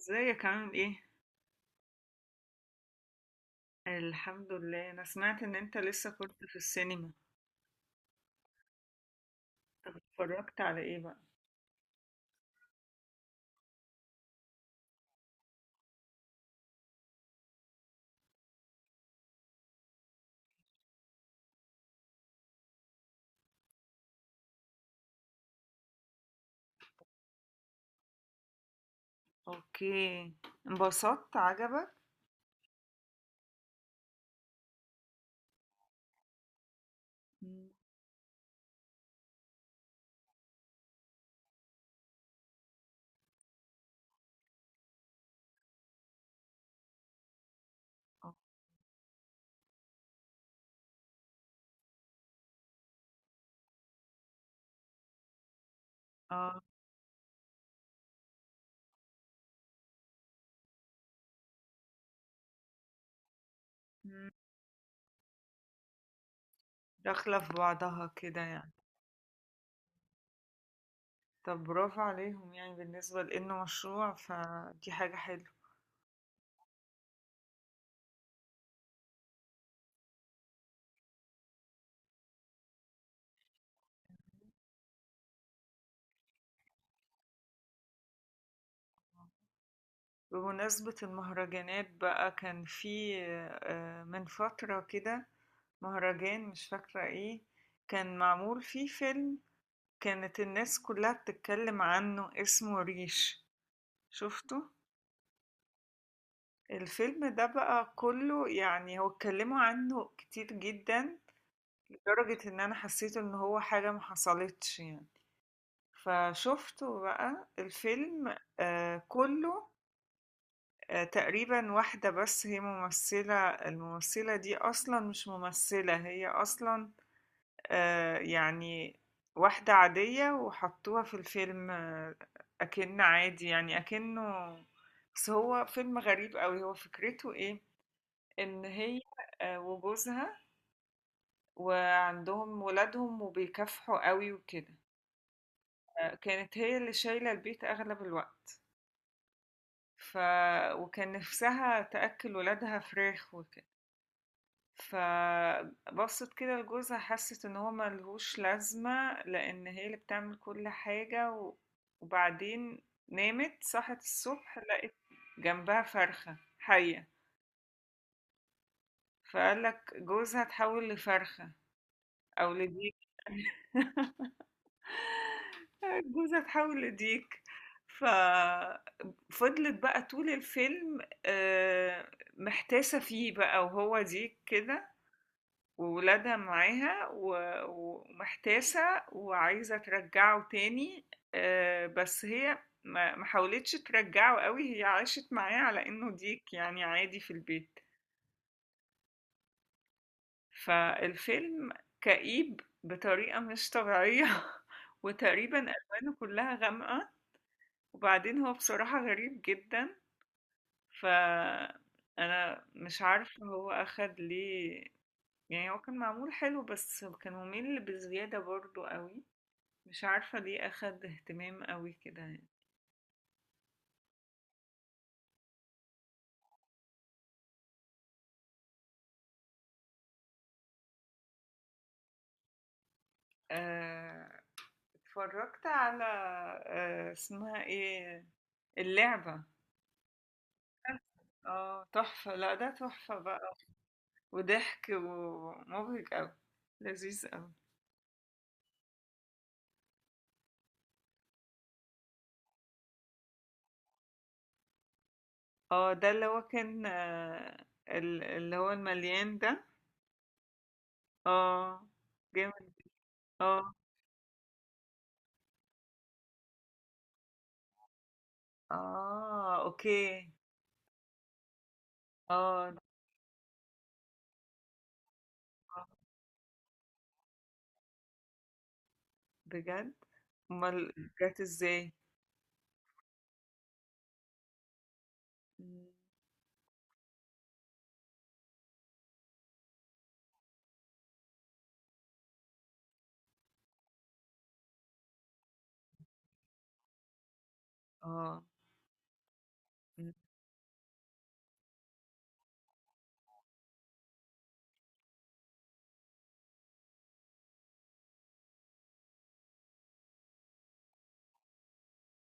ازيك عامل ايه؟ الحمد لله، انا سمعت ان انت لسه كنت في السينما. طب اتفرجت على ايه بقى؟ اوكي. انبسطت عجبك؟ مم. اه. مم. داخلة في بعضها كده يعني. طب برافو عليهم، يعني بالنسبة لانه مشروع فدي حاجة حلوة. بمناسبة المهرجانات بقى كان في من فترة كده مهرجان مش فاكرة ايه. كان معمول فيه فيلم، كانت الناس كلّها بتتكلّم عنّه، اسمه ريش. شُفته؟ الفيلم ده بقى كلّه، يعني هو اتكلّموا عنّه كتير جدًا، لدرجة إن أنا حسّيت إن هو حاجة ما حصلتش يعني. فشُفته بقى الفيلم كلّه. تقريبًا واحدة بس هي ممثّلة، الممثّلة دي أصلًا مش ممثّلة، هي أصلًا يعني واحدة عادية وحطوها في الفيلم. أكن عادي يعني أكنه. بس هو فيلم غريب قوي، هو فكرته إيه؟ إن هي وجوزها وعندهم ولادهم وبيكافحوا قوي وكده. كانت هي اللي شايلة البيت أغلب الوقت. ف... وكان نفسها تأكل ولادها فراخ وكده. فبصت كده لجوزها، حست إن هو ملهوش لازمة، لأن هي اللي بتعمل كل حاجة. وبعدين نامت، صحت الصبح لقت جنبها فرخة حية. فقال لك جوزها تحول لفرخة أو لديك جوزها تحول لديك. ففضلت بقى طول الفيلم محتاسة فيه بقى وهو ديك كده، وولادها معاها ومحتاسة، وعايزة ترجعه تاني. بس هي ما حاولتش ترجعه قوي، هي عاشت معاه على انه ديك يعني عادي في البيت. فالفيلم كئيب بطريقة مش طبيعية وتقريبا ألوانه كلها غامقة. وبعدين هو بصراحة غريب جدا. فأنا مش عارفة هو أخد ليه. يعني هو كان معمول حلو بس كان ممل بزيادة برضو قوي. مش عارفة ليه أخد اهتمام أوي كده يعني. آه، اتفرجت على اسمها ايه، اللعبة. اه تحفة. لا ده تحفة بقى. وضحك ومبهج أوي. لذيذ أوي. اه، ده اللي هو كان اللي هو المليان ده. اه. جامد. اه. اه اوكي. اه ده- آه، بجد؟ امال جت ازاي؟ مم. اه. مم.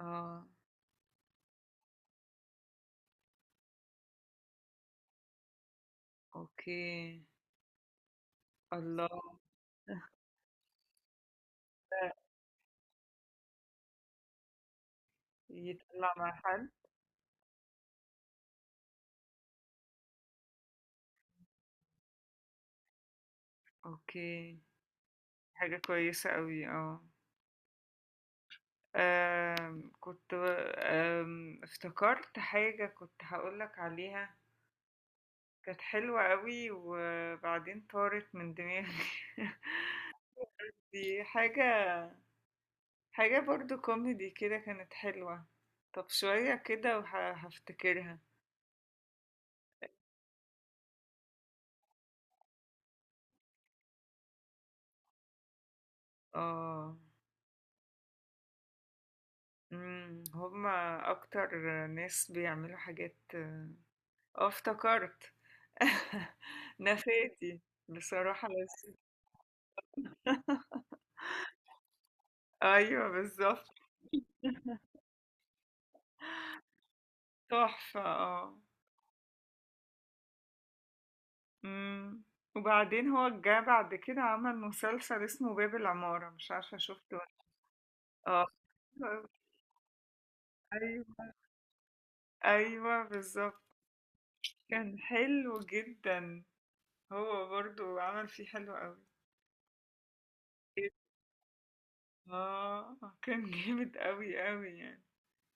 اه اوكي. الله! ده يطلّع مع حد؟ أوكي. حاجة كويسة أوي آه. كنت افتكرت حاجة كنت هاقول لك عليها، كانت حلوة أوي وبعدين طارت من دماغي. دي حاجة، حاجة برضه كوميدي كده كانت حلوة. طَب شوية كده هافتكرها. آه. هم أكتر ناس بيعملوا حاجات. آه، افتكرت. نفادي. بصراحة لذيذ. أيوه بالظبط. تحفة اه. أمم. وبعدين هو جه بعد كده عمل مسلسل اسمه باب العمارة، مش عارفة شفته اه. أيوه، أيوه بالظبط. كان حلو جدا. هو برضو عمل فيه حلو قوي. اه كان جامد قوي قوي يعني.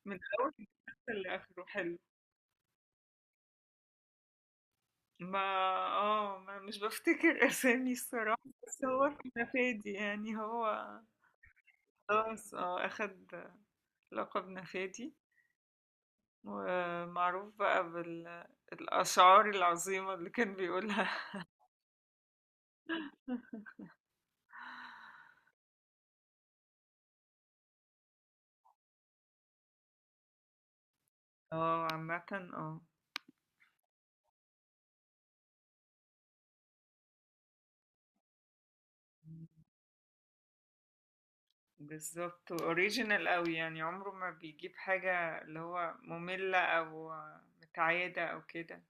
من أول المسلسل لآخره حلو. ما اه ما مش بفتكر اسامي الصراحة، بس هو كان نفادي يعني هو. خلاص اه اخد لقب نفادي، ومعروف بقى بالأشعار العظيمة اللي كان بيقولها. اه عامة اه. بالظبط اوريجينال قوي يعني، عمره ما بيجيب حاجة اللي هو مملة او متعادة او كده.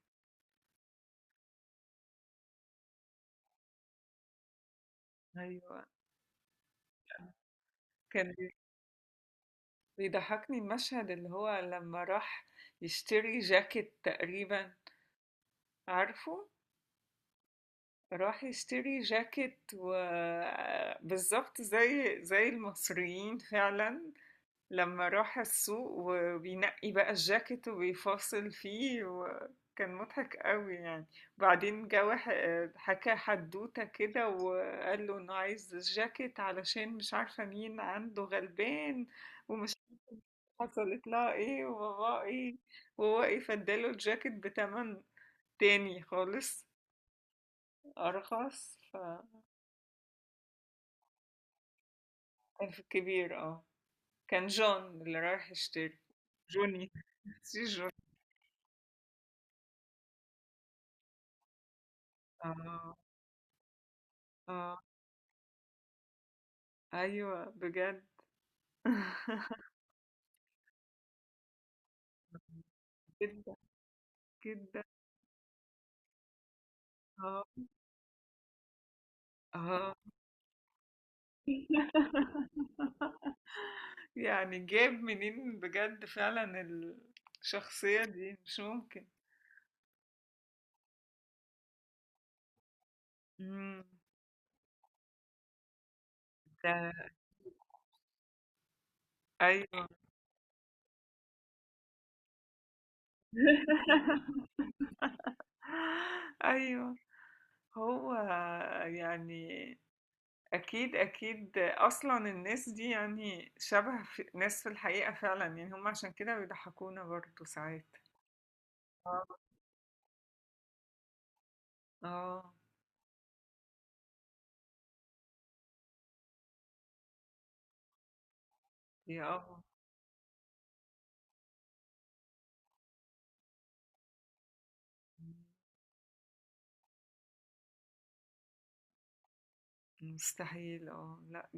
ايوه. كان بيضحكني المشهد اللي هو لما راح يشتري جاكيت تقريبا، عارفه؟ راح يشتري جاكيت وبالظبط زي المصريين فعلا. لما راح السوق وبينقي بقى الجاكيت وبيفاصل فيه وكان مضحك قوي يعني. وبعدين جه حكى حدوتة كده وقال له انه عايز الجاكيت علشان مش عارفة مين عنده غلبان، ومش عارفة حصلت لها ايه وبابا ايه، وهو ايه فاداله الجاكيت بتمن تاني خالص أرخص. الف كبير اه. كان جون اللي رايح يشتري. جوني. سي جون. اه. اه ايوه بجد. جدا جدا. اه. اه. يعني جاب منين بجد فعلا؟ الشخصية دي مش ممكن. مم. ده. ايوه. ايوه هو يعني، أكيد أكيد أصلا الناس دي يعني شبه في ناس في الحقيقة فعلا، يعني هم عشان كده بيضحكونا برضه ساعات. آه. اه. يا اه. مستحيل اه. لا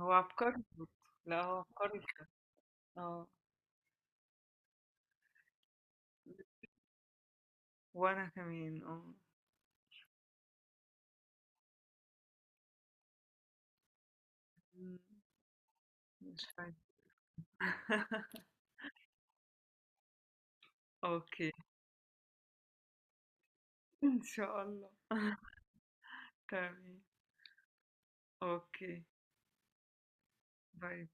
هو عبقري برضه. لا هو عبقري بجد. اه. وأنا كمان اه. مم، مش عارفة. أوكي. إن شاء الله. تمام. أوكي. باي